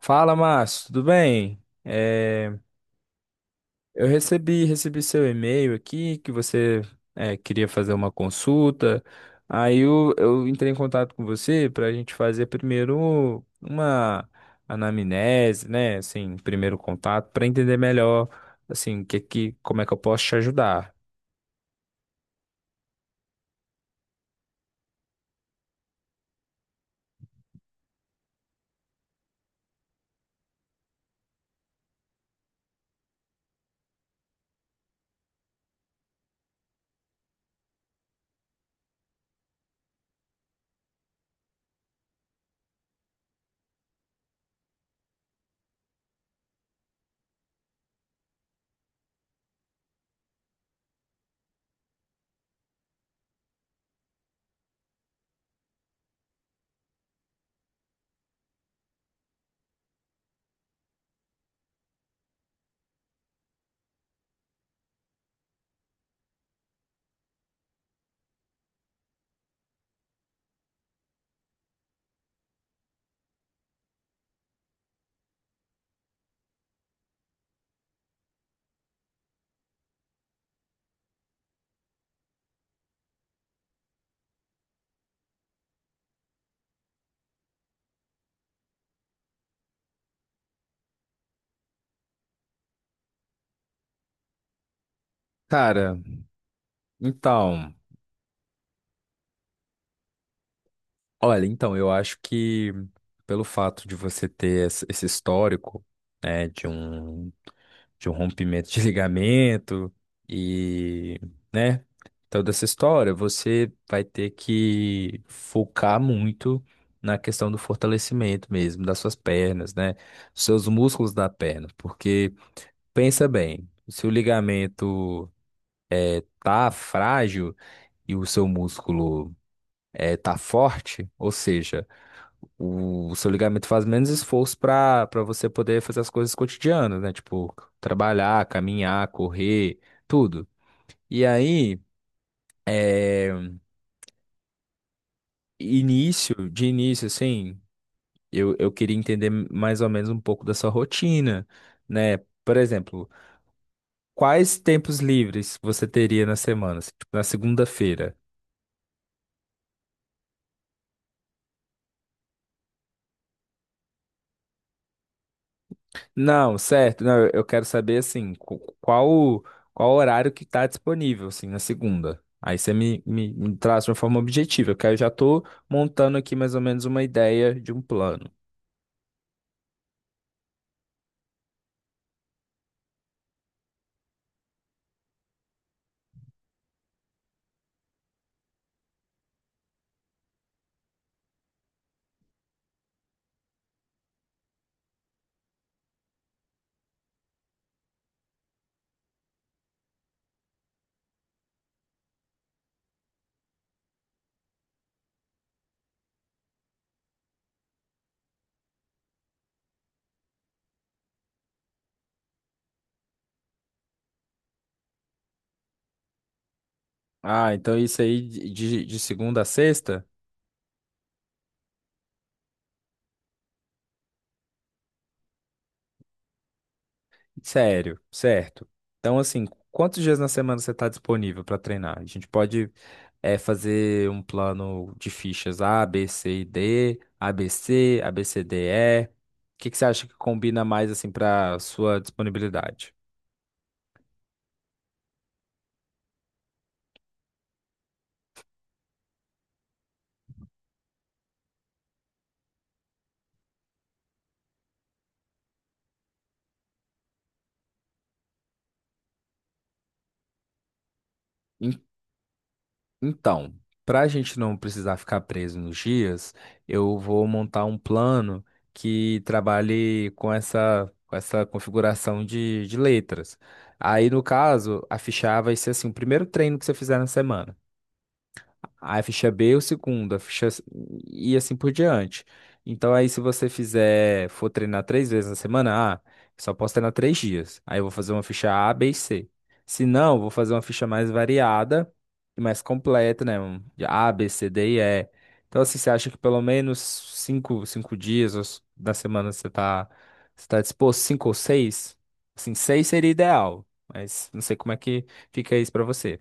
Fala, Márcio, tudo bem? Eu recebi seu e-mail aqui que você queria fazer uma consulta. Aí eu entrei em contato com você para a gente fazer primeiro uma anamnese, né? Assim, primeiro contato, para entender melhor, assim, como é que eu posso te ajudar. Cara, então, olha, então, eu acho que pelo fato de você ter esse histórico, né, de um. de um rompimento de ligamento e, né, toda essa história, você vai ter que focar muito na questão do fortalecimento mesmo das suas pernas, né, dos seus músculos da perna, porque pensa bem, se o ligamento tá frágil e o seu músculo tá forte, ou seja, o seu ligamento faz menos esforço para você poder fazer as coisas cotidianas, né? Tipo, trabalhar, caminhar, correr, tudo. E aí, é, início, de início, assim, eu queria entender mais ou menos um pouco da sua rotina, né? Por exemplo, quais tempos livres você teria na semana? Assim, tipo, na segunda-feira? Não, certo. Não, eu quero saber assim, qual qual horário que tá disponível assim na segunda. Aí você me traz de uma forma objetiva, porque aí eu já tô montando aqui mais ou menos uma ideia de um plano. Ah, então isso aí de, de segunda a sexta? Sério, certo. Então assim, quantos dias na semana você tá disponível para treinar? A gente pode fazer um plano de fichas A, B, C e D, ABC, ABCDE. O que que você acha que combina mais assim para sua disponibilidade? En- Então, para a gente não precisar ficar preso nos dias, eu vou montar um plano que trabalhe com essa configuração de letras. Aí, no caso, a ficha A vai ser assim, o primeiro treino que você fizer na semana. A ficha B é o segundo, a ficha e assim por diante. Então aí se você fizer, for treinar três vezes na semana, ah, só posso treinar três dias. Aí eu vou fazer uma ficha A, B e C. Se não, eu vou fazer uma ficha mais variada e mais completa, né? Um de A, B, C, D e E. Então assim, você acha que pelo menos cinco dias da semana você você tá disposto, cinco ou seis? Assim, seis seria ideal, mas não sei como é que fica isso pra você.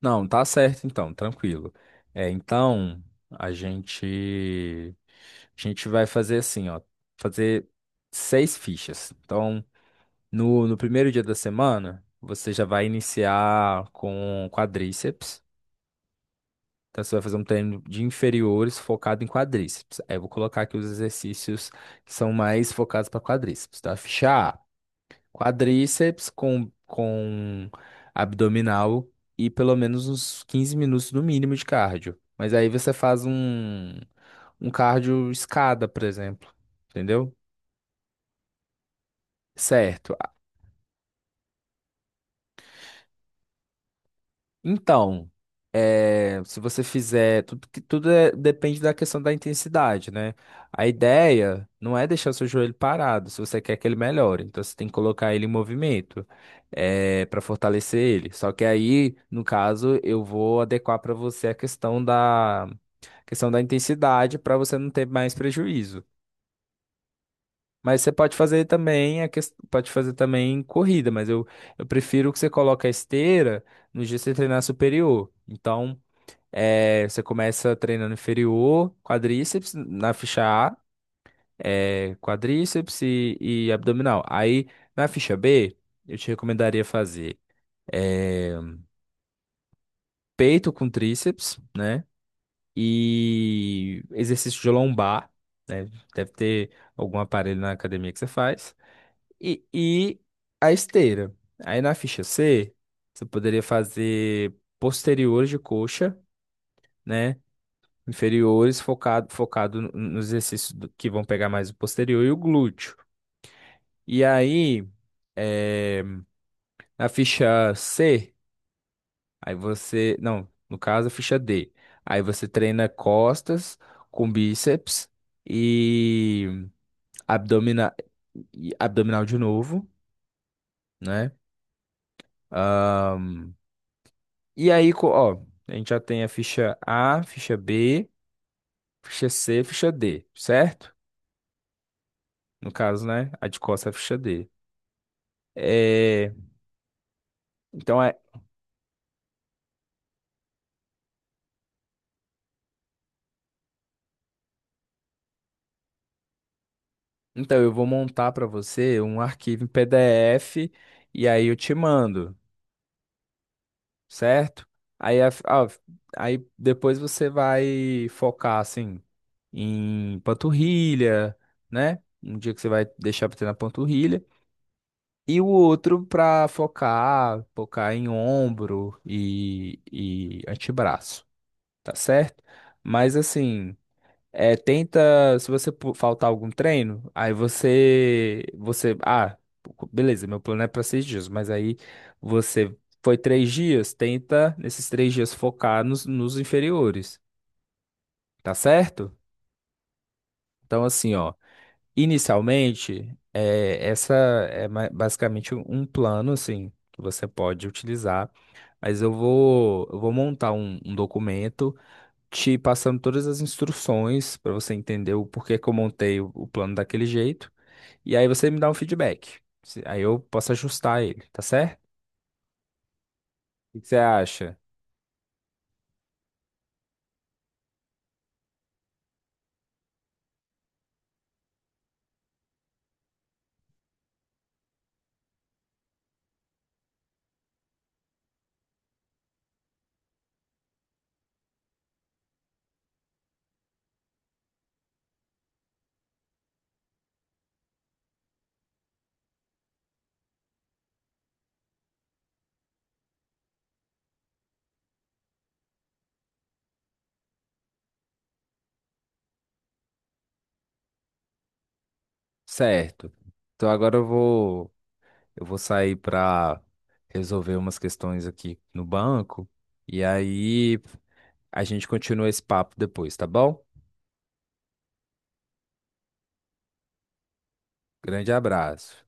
Não, tá certo então, tranquilo. É, então a gente a gente vai fazer assim, ó, fazer seis fichas. Então, no primeiro dia da semana, você já vai iniciar com quadríceps. Então, você vai fazer um treino de inferiores focado em quadríceps. Aí eu vou colocar aqui os exercícios que são mais focados para quadríceps, tá? Ficha A. Quadríceps com abdominal e pelo menos uns 15 minutos no mínimo de cardio. Mas aí você faz um cardio escada, por exemplo. Entendeu? Certo. Então, se você fizer, tudo, tudo depende da questão da intensidade, né? A ideia não é deixar o seu joelho parado, se você quer que ele melhore. Então, você tem que colocar ele em movimento, para fortalecer ele. Só que aí, no caso, eu vou adequar para você a questão da intensidade para você não ter mais prejuízo. Mas você pode fazer também, pode fazer também corrida, mas eu prefiro que você coloque a esteira no dia que você treinar superior. Então. É, você começa treinando inferior, quadríceps na ficha A, quadríceps e abdominal. Aí na ficha B, eu te recomendaria fazer é, peito com tríceps, né? E exercício de lombar, né? Deve ter algum aparelho na academia que você faz. E a esteira. Aí na ficha C, você poderia fazer posteriores de coxa, né? Inferiores focado nos exercícios que vão pegar mais o posterior e o glúteo. E aí, eh, na ficha C, aí você, não, no caso, a ficha D, aí você treina costas com bíceps e abdominal, e abdominal de novo, né? Ahn, e aí, ó, a gente já tem a ficha A, ficha B, ficha C, ficha D, certo? No caso, né? A de costas é a ficha D. Eh, então é, então eu vou montar para você um arquivo em PDF e aí eu te mando, certo? Aí, aí depois você vai focar assim em panturrilha, né? Um dia que você vai deixar para treinar panturrilha e o outro para focar em ombro e antebraço, tá certo? Mas assim É, tenta, se você faltar algum treino, aí você, ah, beleza, meu plano é para seis dias, mas aí você foi três dias, tenta nesses três dias focar nos inferiores, tá certo? Então assim, ó, inicialmente, é, essa é basicamente um plano, assim, que você pode utilizar, mas eu vou montar um documento te passando todas as instruções para você entender o porquê que eu montei o plano daquele jeito. E aí você me dá um feedback. Se- Aí eu posso ajustar ele, tá certo? O que que você acha? Certo. Então agora eu vou sair para resolver umas questões aqui no banco e aí a gente continua esse papo depois, tá bom? Grande abraço.